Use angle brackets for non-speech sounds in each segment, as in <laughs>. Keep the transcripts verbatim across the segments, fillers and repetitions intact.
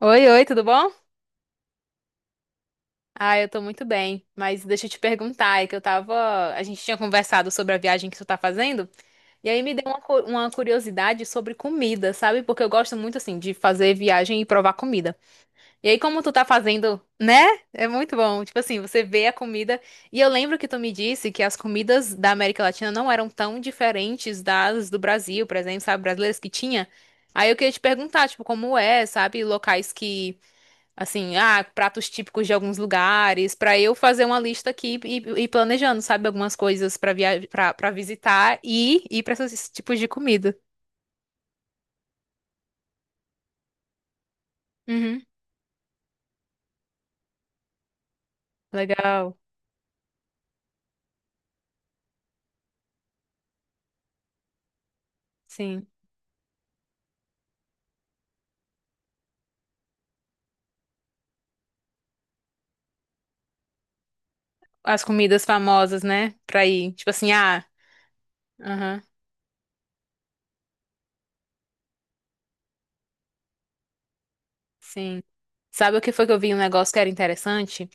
Oi, oi, tudo bom? Ah, eu tô muito bem, mas deixa eu te perguntar, é que eu tava, a gente tinha conversado sobre a viagem que tu tá fazendo, e aí me deu uma, cu- uma curiosidade sobre comida, sabe? Porque eu gosto muito, assim, de fazer viagem e provar comida. E aí, como tu tá fazendo, né? É muito bom, tipo assim, você vê a comida, e eu lembro que tu me disse que as comidas da América Latina não eram tão diferentes das do Brasil, por exemplo, sabe, brasileiras que tinha. Aí eu queria te perguntar, tipo, como é, sabe, locais que assim, ah, pratos típicos de alguns lugares, pra eu fazer uma lista aqui e e ir planejando, sabe, algumas coisas pra via para para visitar e ir pra esses tipos de comida. Uhum. Legal. Sim. As comidas famosas, né? Pra ir, tipo assim, ah, aham, sim. Sabe o que foi que eu vi um negócio que era interessante?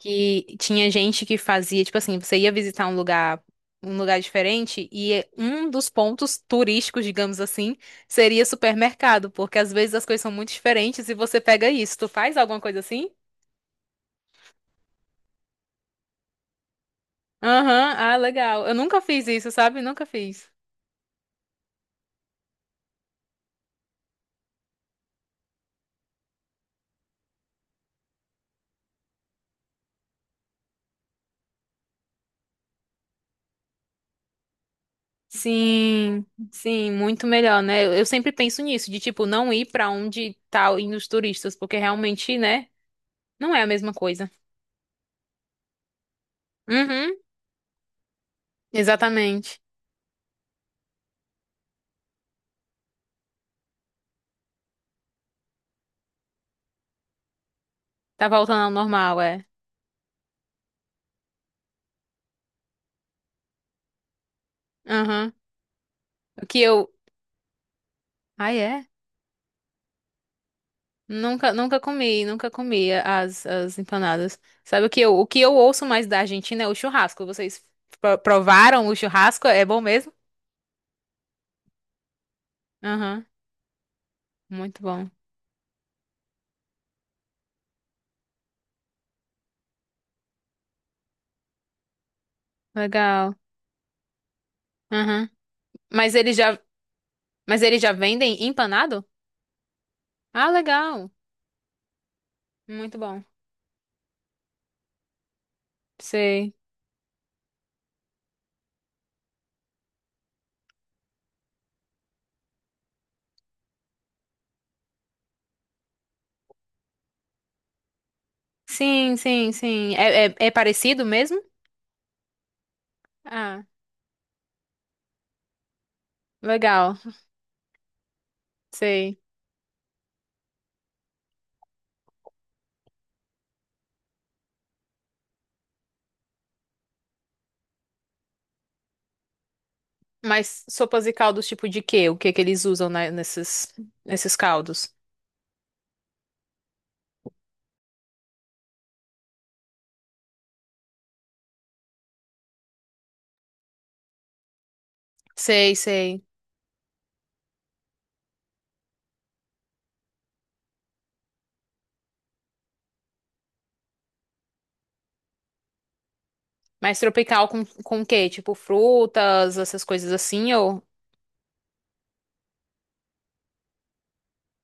Que tinha gente que fazia, tipo assim, você ia visitar um lugar, um lugar diferente e um dos pontos turísticos, digamos assim, seria supermercado, porque às vezes as coisas são muito diferentes e você pega isso. Tu faz alguma coisa assim? Aham, ah, legal. Eu nunca fiz isso, sabe? Nunca fiz. Sim, sim, muito melhor, né? Eu, eu sempre penso nisso, de tipo, não ir pra onde tá indo os turistas, porque realmente, né, não é a mesma coisa. Uhum, exatamente. Tá voltando ao normal, é. Aham. O que eu. Ah, é? Nunca, nunca comi, nunca comi as, as empanadas. Sabe o que eu, o que eu ouço mais da Argentina é o churrasco. Vocês pro- provaram o churrasco? É bom mesmo? Aham, muito bom. Legal. Aham. Mas eles já, mas eles já vendem empanado? Ah, legal. Muito bom. Sei. Sim, sim, sim. É, é, é parecido mesmo? Ah, legal. Sei. Mas sopas e caldos tipo de quê? O que que eles usam na- nesses, nesses caldos? Sei, sei. Mais tropical com, com o quê? Tipo frutas, essas coisas assim, ou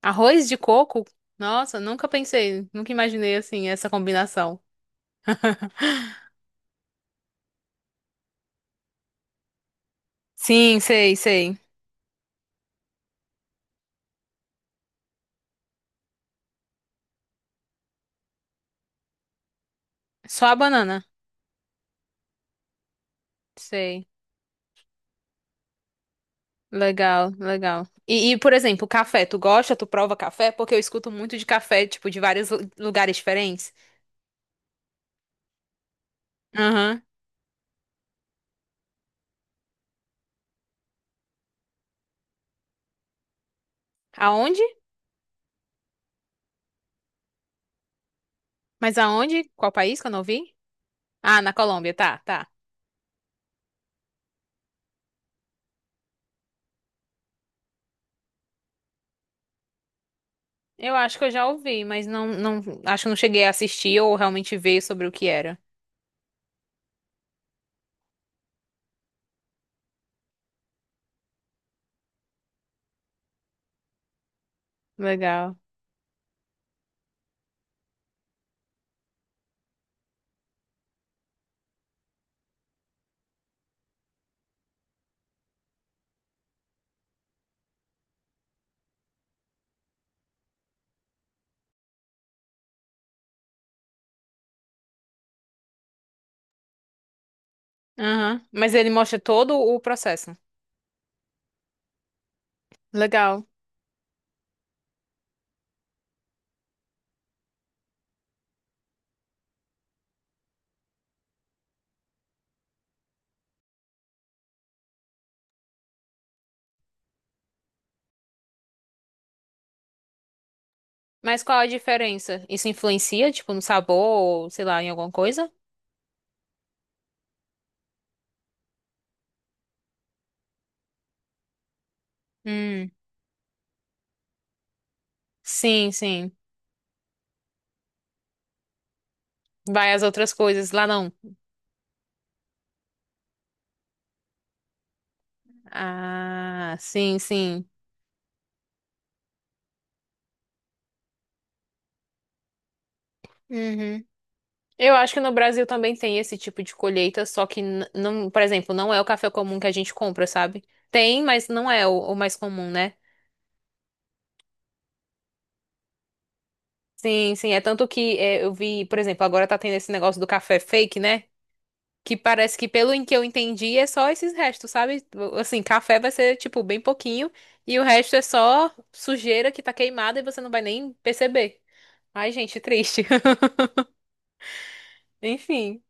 arroz de coco? Nossa, nunca pensei, nunca imaginei assim essa combinação. Sim, sei, sei. Só a banana. Sei. Legal, legal. E, e, por exemplo, café, tu gosta? Tu prova café? Porque eu escuto muito de café, tipo, de vários lu- lugares diferentes. Aham. Aonde? Mas aonde? Qual país que eu não vi? Ah, na Colômbia, tá, tá. Eu acho que eu já ouvi, mas não, não, acho que eu não cheguei a assistir ou realmente ver sobre o que era. Legal. Aham. Mas ele mostra todo o processo. Legal. Mas qual a diferença? Isso influencia, tipo, no sabor ou, sei lá, em alguma coisa? Hum. Sim, sim. Vai as outras coisas lá não. Ah, sim, sim. Uhum. Eu acho que no Brasil também tem esse tipo de colheita, só que n- não, por exemplo, não é o café comum que a gente compra, sabe? Tem, mas não é o o mais comum, né? Sim, sim. É tanto que é, eu vi, por exemplo, agora tá tendo esse negócio do café fake, né? Que parece que, pelo em que eu entendi, é só esses restos, sabe? Assim, café vai ser, tipo, bem pouquinho e o resto é só sujeira que tá queimada e você não vai nem perceber. Ai, gente, triste. <laughs> Enfim.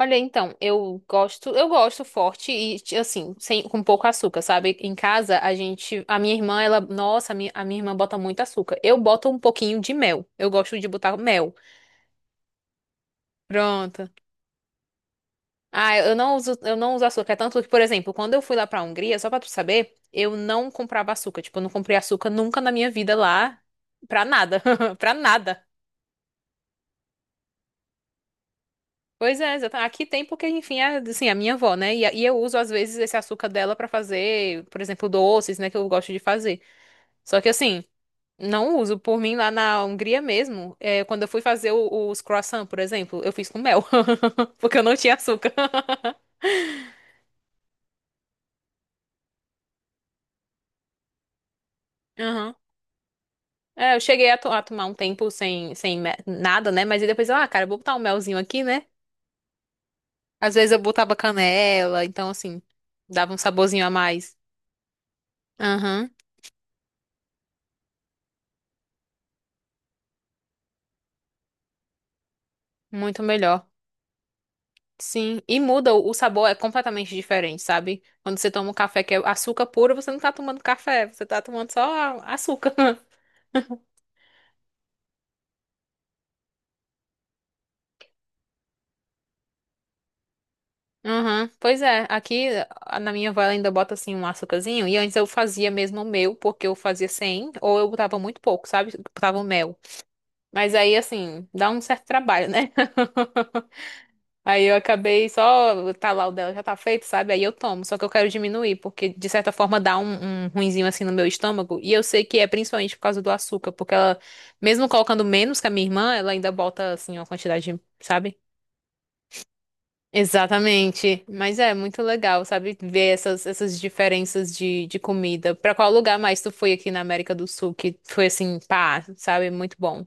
Olha, então, eu gosto, eu gosto forte e ti- assim, sem com pouco açúcar, sabe? Em casa a gente, a minha irmã, ela, nossa, a minha, a minha irmã bota muito açúcar. Eu boto um pouquinho de mel. Eu gosto de botar mel. Pronto. Ah, eu não uso, eu não uso açúcar. É tanto que, por exemplo, quando eu fui lá pra Hungria, só pra tu saber, eu não comprava açúcar. Tipo, eu não comprei açúcar nunca na minha vida lá, pra nada, <laughs> pra nada. Pois é, exata- aqui tem porque, enfim, é, assim, a minha avó, né? E, a- e eu uso, às vezes, esse açúcar dela pra fazer, por exemplo, doces, né, que eu gosto de fazer. Só que, assim, não uso. Por mim, lá na Hungria mesmo, é, quando eu fui fazer o- os croissant, por exemplo, eu fiz com mel, <laughs> porque eu não tinha açúcar. <laughs> Aham. É, eu cheguei a, to- a tomar um tempo sem, sem me- nada, né? Mas aí depois, eu, ah, cara, eu vou botar um melzinho aqui, né? Às vezes eu botava canela, então assim, dava um saborzinho a mais. Aham, muito melhor. Sim, e muda, o o sabor é completamente diferente, sabe? Quando você toma um café que é açúcar puro, você não tá tomando café, você tá tomando só a- açúcar. <laughs> Aham, pois é, aqui a- na minha avó ela ainda bota assim um açúcarzinho, e antes eu fazia mesmo o meu, porque eu fazia sem, ou eu botava muito pouco, sabe? Botava o mel. Mas aí, assim, dá um certo trabalho, né? <laughs> Aí eu acabei só, tá lá o dela já tá feito, sabe? Aí eu tomo, só que eu quero diminuir, porque de certa forma dá um, um ruinzinho assim no meu estômago. E eu sei que é principalmente por causa do açúcar, porque ela, mesmo colocando menos que a minha irmã, ela ainda bota, assim, uma quantidade, sabe? Exatamente. Mas é muito legal, sabe? Ver essas, essas diferenças de, de comida. Pra qual lugar mais tu foi aqui na América do Sul que foi assim, pá, sabe? Muito bom.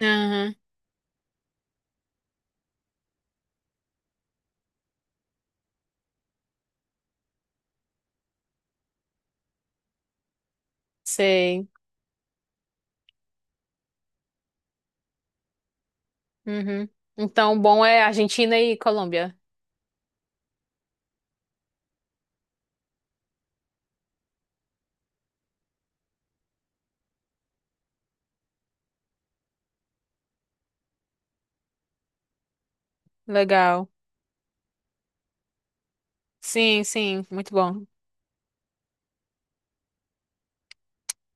Aham, sei. Uhum. Então, bom é Argentina e Colômbia. Legal. Sim, sim, muito bom.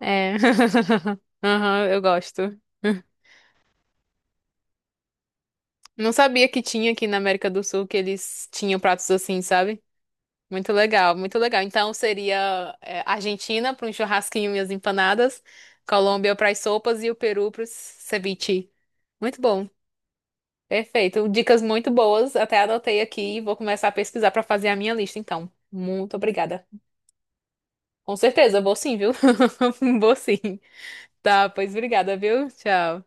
É. <laughs> Aham, eu gosto. Não sabia que tinha aqui na América do Sul que eles tinham pratos assim, sabe? Muito legal, muito legal. Então seria é, Argentina para um churrasquinho e as empanadas, Colômbia para as sopas e o Peru para o ceviche. Muito bom, perfeito. Dicas muito boas, até anotei aqui e vou começar a pesquisar para fazer a minha lista, então. Muito obrigada. Com certeza, vou sim, viu? <laughs> Vou sim. Tá, pois obrigada, viu? Tchau.